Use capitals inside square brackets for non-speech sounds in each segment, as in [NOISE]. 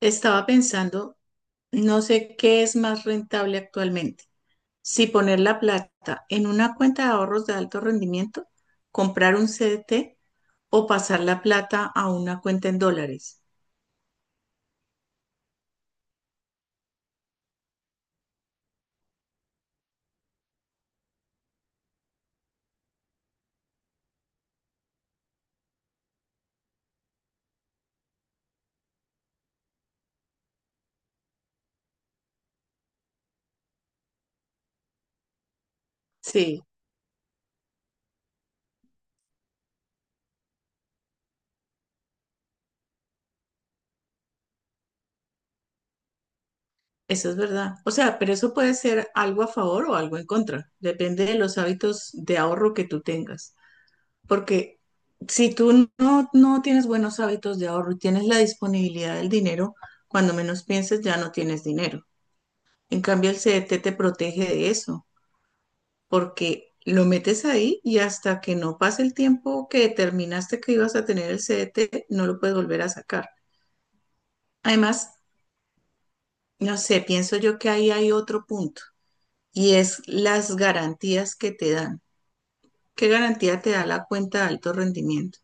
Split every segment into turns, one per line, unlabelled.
Estaba pensando, no sé qué es más rentable actualmente, si poner la plata en una cuenta de ahorros de alto rendimiento, comprar un CDT o pasar la plata a una cuenta en dólares. Sí, eso es verdad. O sea, pero eso puede ser algo a favor o algo en contra, depende de los hábitos de ahorro que tú tengas. Porque si tú no tienes buenos hábitos de ahorro y tienes la disponibilidad del dinero, cuando menos pienses ya no tienes dinero. En cambio, el CDT te protege de eso, porque lo metes ahí y hasta que no pase el tiempo que determinaste que ibas a tener el CDT, no lo puedes volver a sacar. Además, no sé, pienso yo que ahí hay otro punto y es las garantías que te dan. ¿Qué garantía te da la cuenta de alto rendimiento?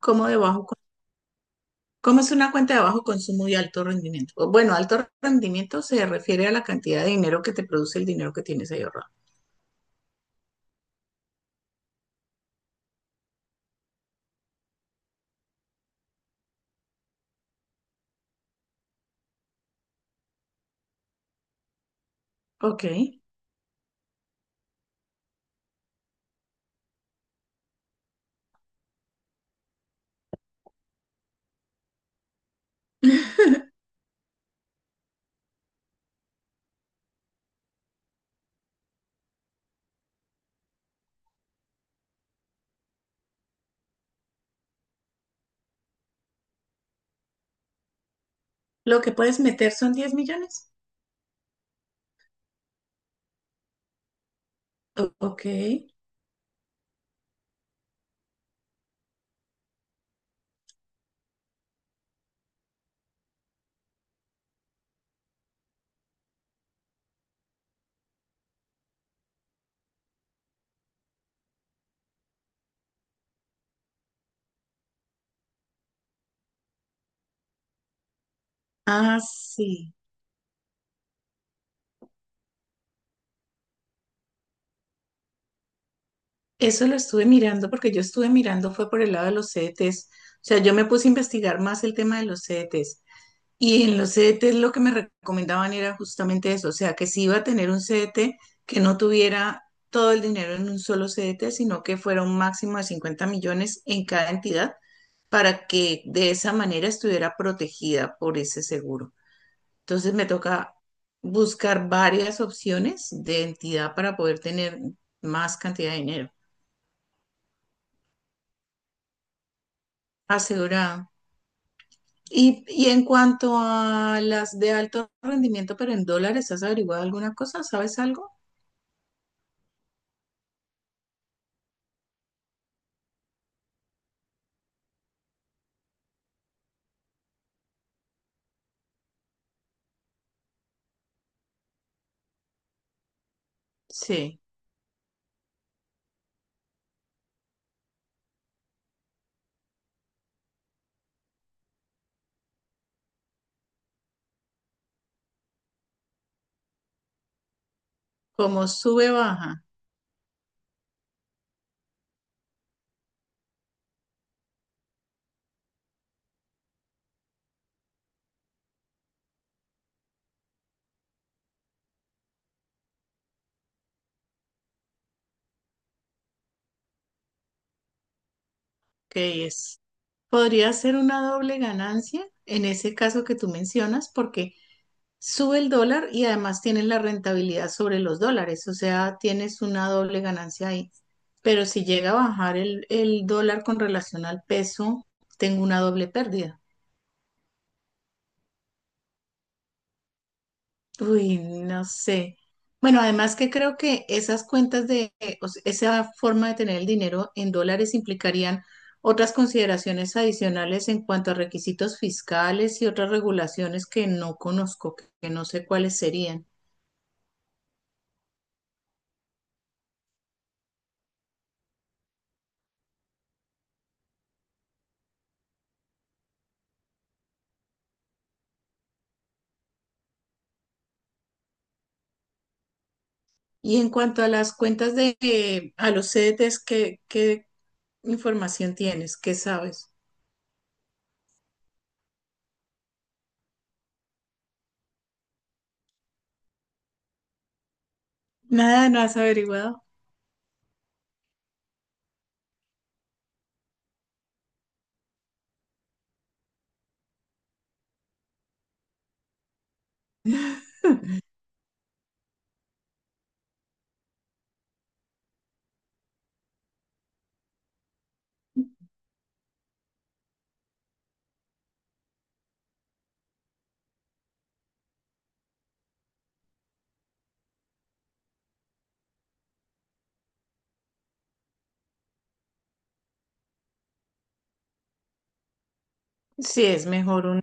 ¿Cómo de bajo, cómo es una cuenta de bajo consumo y alto rendimiento? Bueno, alto rendimiento se refiere a la cantidad de dinero que te produce el dinero que tienes ahí ahorrado. Ok. [LAUGHS] Lo que puedes meter son 10 millones. Ok. Ah, sí. Eso lo estuve mirando porque yo estuve mirando fue por el lado de los CDTs. O sea, yo me puse a investigar más el tema de los CDTs. Y en los CDTs lo que me recomendaban era justamente eso, o sea, que si iba a tener un CDT, que no tuviera todo el dinero en un solo CDT, sino que fuera un máximo de 50 millones en cada entidad para que de esa manera estuviera protegida por ese seguro. Entonces me toca buscar varias opciones de entidad para poder tener más cantidad de dinero asegurado. Y en cuanto a las de alto rendimiento, pero en dólares, ¿has averiguado alguna cosa? ¿Sabes algo? Sí, como sube baja, que es, podría ser una doble ganancia en ese caso que tú mencionas, porque sube el dólar y además tienes la rentabilidad sobre los dólares, o sea, tienes una doble ganancia ahí. Pero si llega a bajar el dólar con relación al peso, tengo una doble pérdida. Uy, no sé. Bueno, además que creo que esas cuentas de, o sea, esa forma de tener el dinero en dólares implicarían otras consideraciones adicionales en cuanto a requisitos fiscales y otras regulaciones que no conozco, que no sé cuáles serían. Y en cuanto a las cuentas de, a los CDTs, ¿qué información tienes? ¿Qué sabes? Nada, no has averiguado. Sí, es mejor.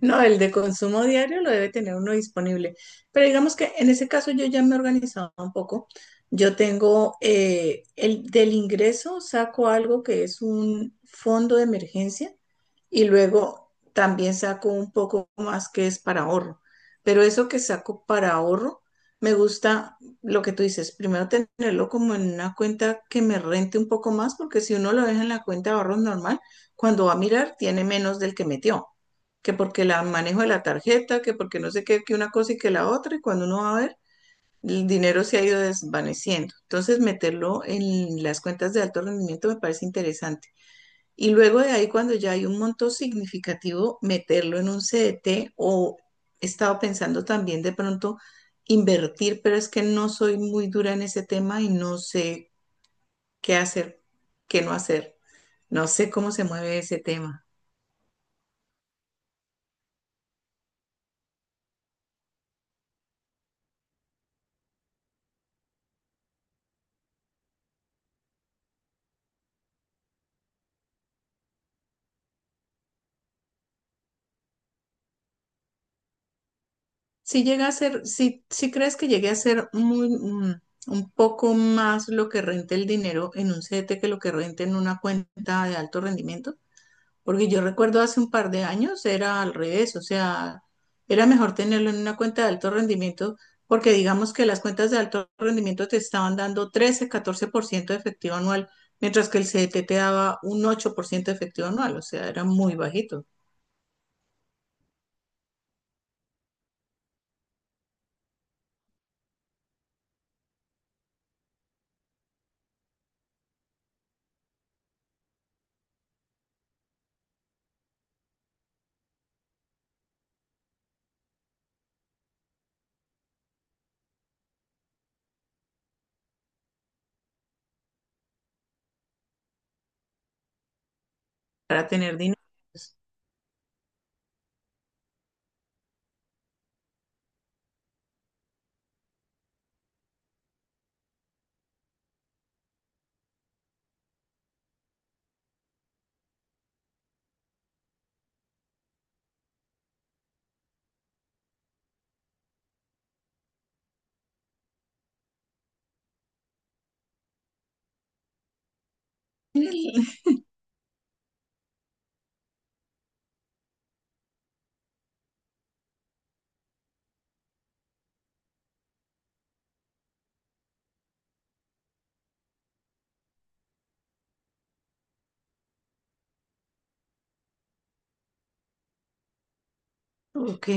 No, el de consumo diario lo debe tener uno disponible. Pero digamos que en ese caso yo ya me he organizado un poco. Yo tengo el del ingreso, saco algo que es un fondo de emergencia y luego también saco un poco más que es para ahorro. Pero eso que saco para ahorro, me gusta lo que tú dices, primero tenerlo como en una cuenta que me rente un poco más, porque si uno lo deja en la cuenta de ahorros normal, cuando va a mirar tiene menos del que metió, que porque la manejo de la tarjeta, que porque no sé qué, que una cosa y que la otra, y cuando uno va a ver, el dinero se ha ido desvaneciendo. Entonces, meterlo en las cuentas de alto rendimiento me parece interesante. Y luego de ahí, cuando ya hay un monto significativo, meterlo en un CDT o he estado pensando también de pronto invertir, pero es que no soy muy dura en ese tema y no sé qué hacer, qué no hacer. No sé cómo se mueve ese tema. Si llega a ser, si crees que llegue a ser un poco más lo que rente el dinero en un CDT que lo que rente en una cuenta de alto rendimiento, porque yo recuerdo hace un par de años era al revés, o sea, era mejor tenerlo en una cuenta de alto rendimiento, porque digamos que las cuentas de alto rendimiento te estaban dando 13, 14% de efectivo anual, mientras que el CDT te daba un 8% de efectivo anual, o sea, era muy bajito para tener dinero. Ok.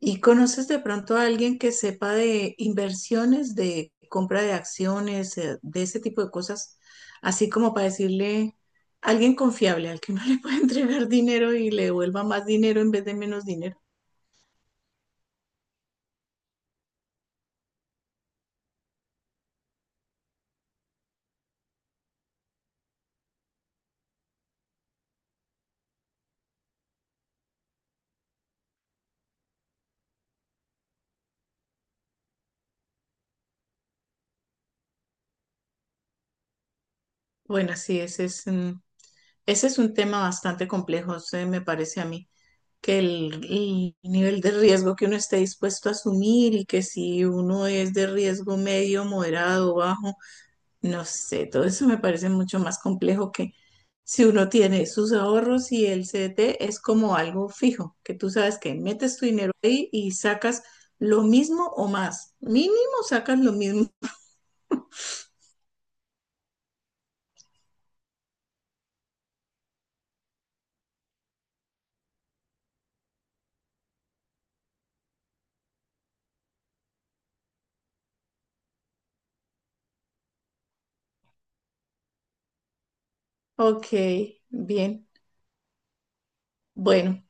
¿Y conoces de pronto a alguien que sepa de inversiones, de compra de acciones, de ese tipo de cosas? Así como para decirle, alguien confiable al que uno [LAUGHS] le puede entregar dinero y le devuelva más dinero en vez de menos dinero. Bueno, sí, ese es, ese es un tema bastante complejo, se me parece a mí, que el nivel de riesgo que uno esté dispuesto a asumir y que si uno es de riesgo medio, moderado, bajo. No sé, todo eso me parece mucho más complejo que si uno tiene sus ahorros y el CDT es como algo fijo, que tú sabes que metes tu dinero ahí y sacas lo mismo o más. Mínimo sacas lo mismo. Ok, bien. Bueno,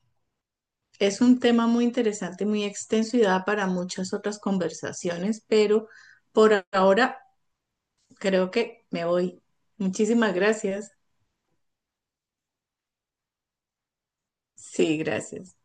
es un tema muy interesante, muy extenso y da para muchas otras conversaciones, pero por ahora creo que me voy. Muchísimas gracias. Sí, gracias.